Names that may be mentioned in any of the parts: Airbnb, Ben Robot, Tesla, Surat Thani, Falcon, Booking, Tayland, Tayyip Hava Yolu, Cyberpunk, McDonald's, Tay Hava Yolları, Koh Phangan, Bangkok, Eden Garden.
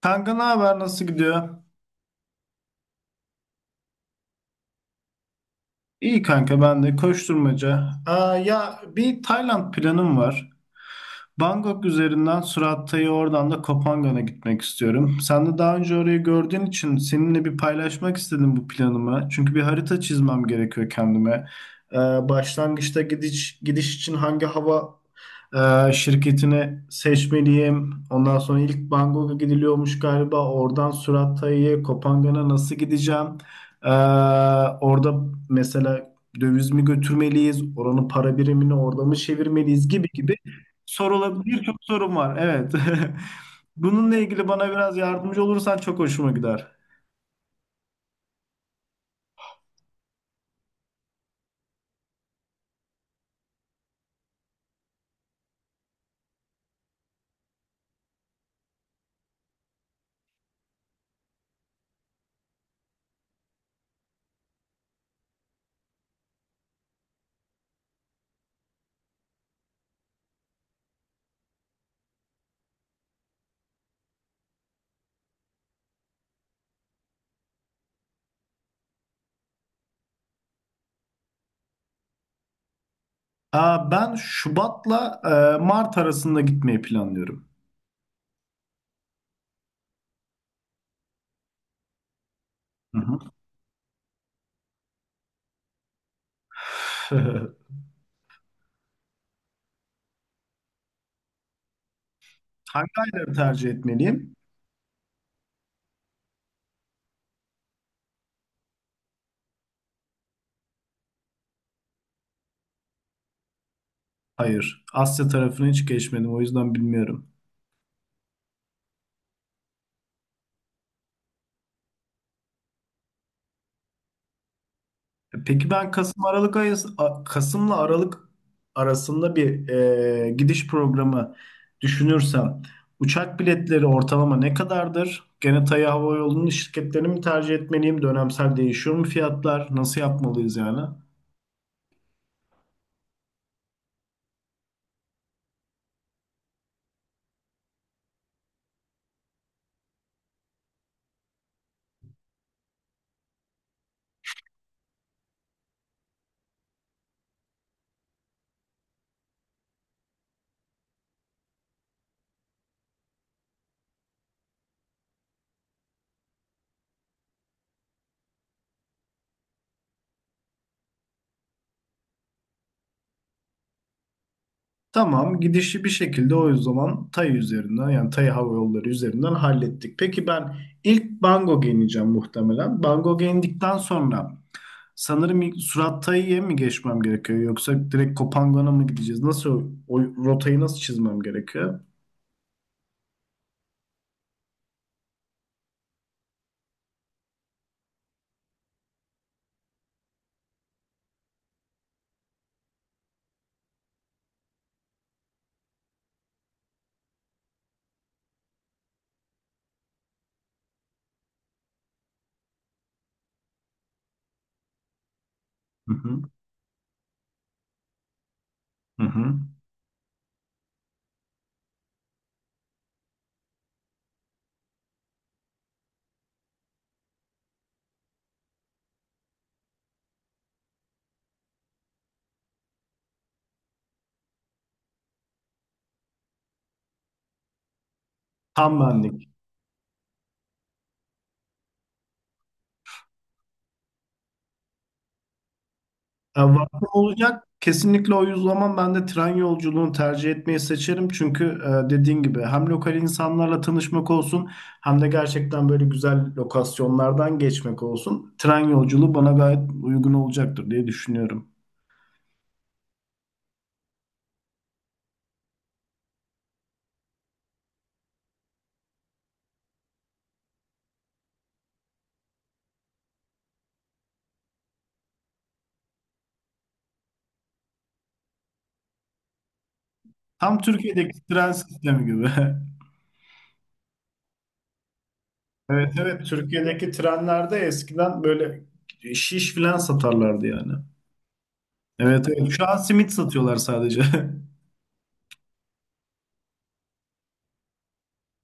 Kanka ne haber, nasıl gidiyor? İyi kanka, ben de koşturmaca. Ya bir Tayland planım var. Bangkok üzerinden Surat'tayı, oradan da Koh Phangan'a gitmek istiyorum. Sen de daha önce orayı gördüğün için seninle bir paylaşmak istedim bu planımı. Çünkü bir harita çizmem gerekiyor kendime. Ee, başlangıçta gidiş için hangi hava şirketini seçmeliyim? Ondan sonra ilk Bangkok'a gidiliyormuş galiba. Oradan Surat Thai'ye, Koh Phangan'a nasıl gideceğim? Ee, orada mesela döviz mi götürmeliyiz, oranın para birimini orada mı çevirmeliyiz gibi gibi sorular, birçok sorum var. Evet. Bununla ilgili bana biraz yardımcı olursan çok hoşuma gider. Ben Şubat'la Mart arasında gitmeyi planlıyorum. Hı hı. Hangi ayları tercih etmeliyim? Hayır. Asya tarafına hiç geçmedim, o yüzden bilmiyorum. Peki ben Kasım Aralık ayı Kasım'la Aralık arasında bir gidiş programı düşünürsem uçak biletleri ortalama ne kadardır? Gene Tayyip Hava Yolu'nun şirketlerini mi tercih etmeliyim? Dönemsel değişiyor mu fiyatlar? Nasıl yapmalıyız yani? Tamam, gidişi bir şekilde o zaman Tay üzerinden, yani Tay Hava Yolları üzerinden hallettik. Peki ben ilk Bangkok'a ineceğim muhtemelen. Bangkok'a indikten sonra sanırım ilk Surattayı'ya mı geçmem gerekiyor, yoksa direkt Kopangan'a mı gideceğiz? Rotayı nasıl çizmem gerekiyor? Hı hı, hı hı. Tam benlik. Vaktim olacak. Kesinlikle, o zaman ben de tren yolculuğunu tercih etmeyi seçerim. Çünkü dediğin gibi hem lokal insanlarla tanışmak olsun hem de gerçekten böyle güzel lokasyonlardan geçmek olsun. Tren yolculuğu bana gayet uygun olacaktır diye düşünüyorum. Tam Türkiye'deki tren sistemi gibi. Evet evet, Türkiye'deki trenlerde eskiden böyle şiş filan satarlardı yani. Evet evet, şu an simit satıyorlar sadece.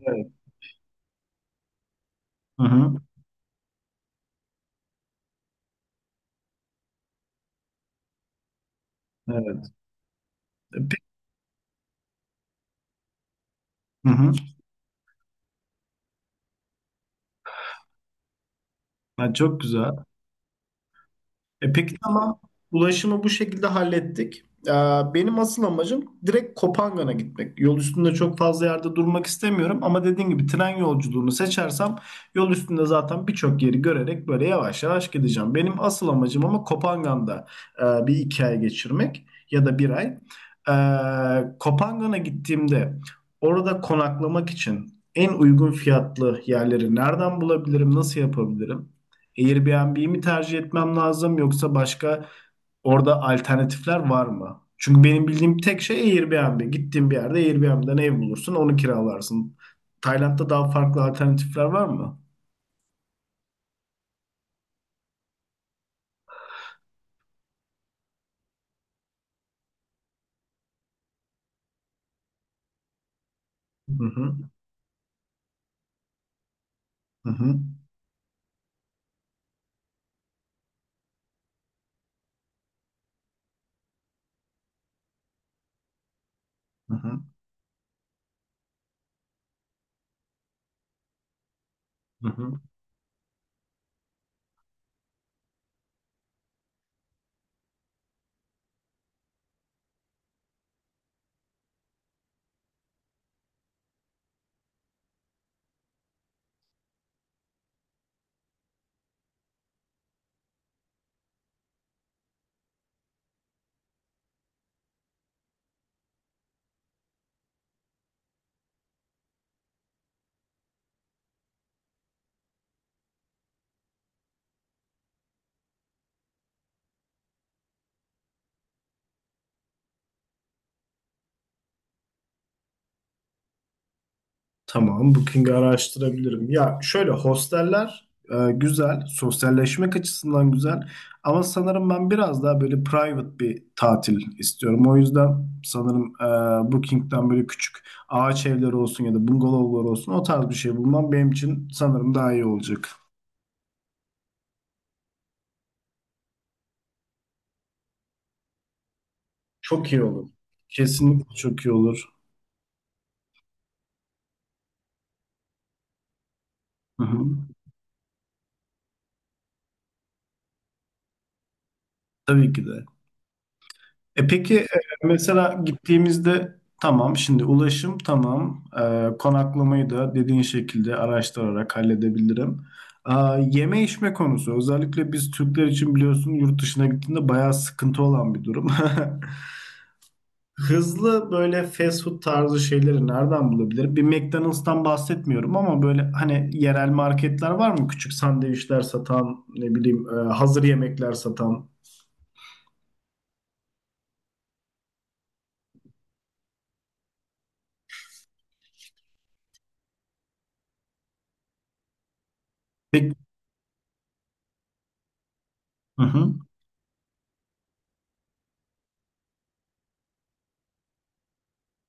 Evet. Hı hı. Evet. E, pe- Hı hı. Ha, çok güzel. E peki tamam. Ulaşımı bu şekilde hallettik. Benim asıl amacım direkt Kopangan'a gitmek. Yol üstünde çok fazla yerde durmak istemiyorum ama dediğim gibi tren yolculuğunu seçersem yol üstünde zaten birçok yeri görerek böyle yavaş yavaş gideceğim. Benim asıl amacım ama Kopangan'da bir iki ay geçirmek ya da bir ay. Kopangan'a gittiğimde orada konaklamak için en uygun fiyatlı yerleri nereden bulabilirim, nasıl yapabilirim? Airbnb'yi mi tercih etmem lazım, yoksa başka orada alternatifler var mı? Çünkü benim bildiğim tek şey Airbnb. Gittiğin bir yerde Airbnb'den ev bulursun, onu kiralarsın. Tayland'da daha farklı alternatifler var mı? Hı hı, hı hı, hı hı, hı hı. Tamam, Booking'i araştırabilirim. Ya şöyle, hosteller güzel, sosyalleşmek açısından güzel ama sanırım ben biraz daha böyle private bir tatil istiyorum. O yüzden sanırım Booking'den böyle küçük ağaç evleri olsun ya da bungalovlar olsun, o tarz bir şey bulmam benim için sanırım daha iyi olacak. Çok iyi olur. Kesinlikle çok iyi olur. Hı hı. Tabii ki de. E peki e, mesela gittiğimizde tamam, şimdi ulaşım tamam. Konaklamayı da dediğin şekilde araştırarak halledebilirim. Yeme içme konusu özellikle biz Türkler için, biliyorsun, yurt dışına gittiğinde bayağı sıkıntı olan bir durum. Hızlı böyle fast food tarzı şeyleri nereden bulabilirim? Bir McDonald's'tan bahsetmiyorum ama böyle hani yerel marketler var mı? Küçük sandviçler satan, ne bileyim, hazır yemekler satan. Peki. Hı hı.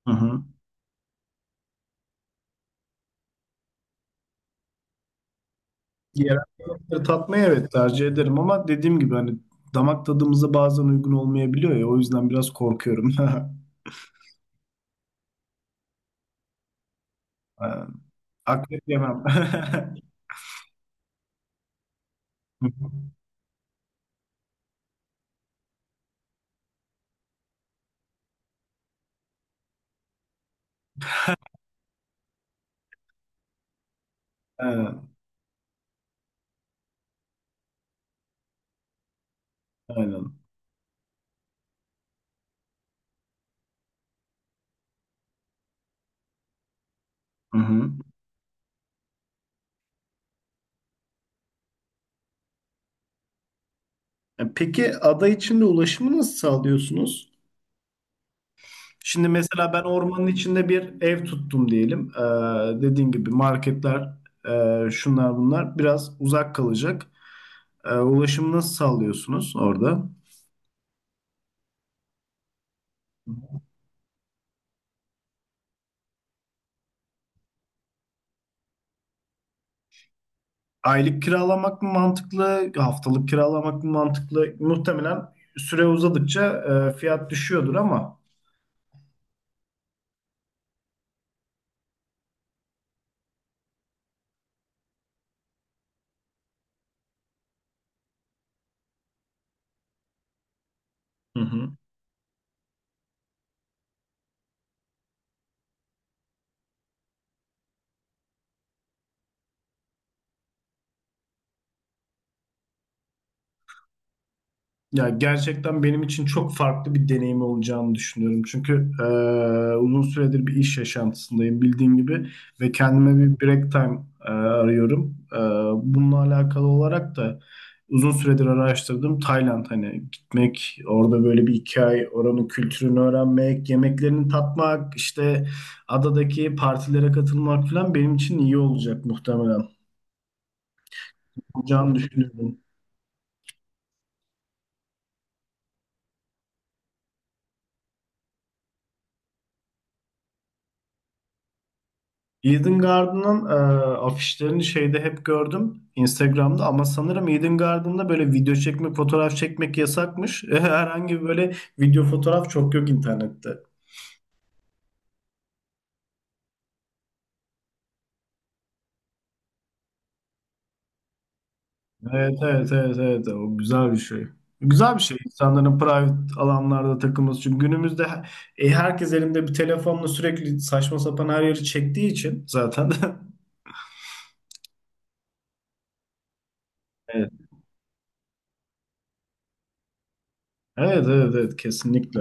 Hı hı. Yerel yemekleri tatmayı evet tercih ederim ama dediğim gibi hani damak tadımıza bazen uygun olmayabiliyor ya, o yüzden biraz korkuyorum. Ee, akrep yemem. Ee, aynen. Hı hı. Peki ada içinde ulaşımı nasıl sağlıyorsunuz? Şimdi mesela ben ormanın içinde bir ev tuttum diyelim. Dediğim gibi marketler, şunlar bunlar biraz uzak kalacak. Ulaşımı nasıl sağlıyorsunuz orada? Aylık kiralamak mı mantıklı, haftalık kiralamak mı mantıklı? Muhtemelen süre uzadıkça fiyat düşüyordur ama Hı hı. Ya gerçekten benim için çok farklı bir deneyim olacağını düşünüyorum. Çünkü uzun süredir bir iş yaşantısındayım bildiğin gibi ve kendime bir break time arıyorum. Bununla alakalı olarak da uzun süredir araştırdım. Tayland hani gitmek, orada böyle bir iki ay oranın kültürünü öğrenmek, yemeklerini tatmak, işte adadaki partilere katılmak falan benim için iyi olacak muhtemelen. Olacağını düşünüyorum. Eden Garden'ın afişlerini şeyde hep gördüm Instagram'da ama sanırım Eden Garden'da böyle video çekmek, fotoğraf çekmek yasakmış. Herhangi bir böyle video fotoğraf çok yok internette. Evet evet evet evet, o güzel bir şey. Güzel bir şey insanların private alanlarda takılması. Çünkü günümüzde herkes elinde bir telefonla sürekli saçma sapan her yeri çektiği için zaten. Evet evet evet, evet kesinlikle.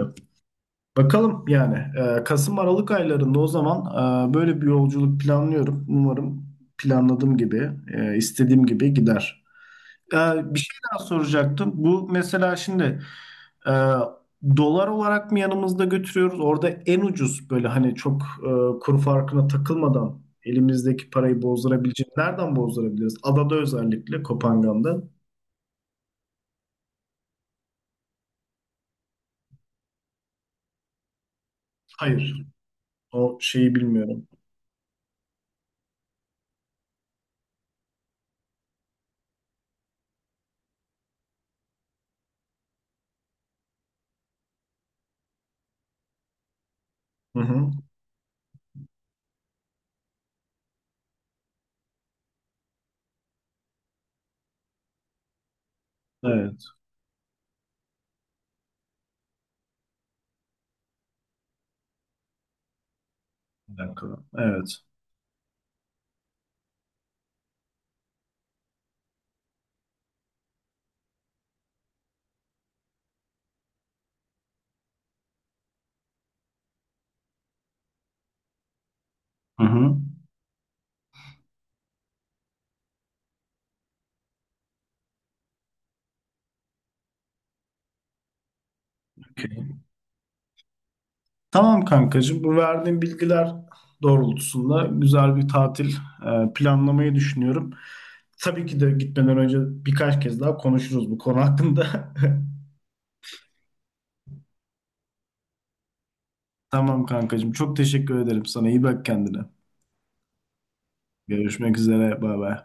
Bakalım yani, Kasım Aralık aylarında o zaman böyle bir yolculuk planlıyorum. Umarım planladığım gibi, istediğim gibi gider. E, bir şey daha soracaktım. Bu mesela şimdi e, dolar olarak mı yanımızda götürüyoruz? Orada en ucuz, böyle hani çok kuru farkına takılmadan elimizdeki parayı bozdurabileceğimiz nereden bozdurabiliriz? Adada, özellikle Kopangan'da. Hayır, o şeyi bilmiyorum. Hı hı. Evet, bir dakika. Evet. Hı hı. Tamam kankacığım, bu verdiğim bilgiler doğrultusunda güzel bir tatil planlamayı düşünüyorum. Tabii ki de gitmeden önce birkaç kez daha konuşuruz bu konu hakkında. Tamam kankacığım, çok teşekkür ederim sana. İyi bak kendine. Görüşmek üzere, bay bay.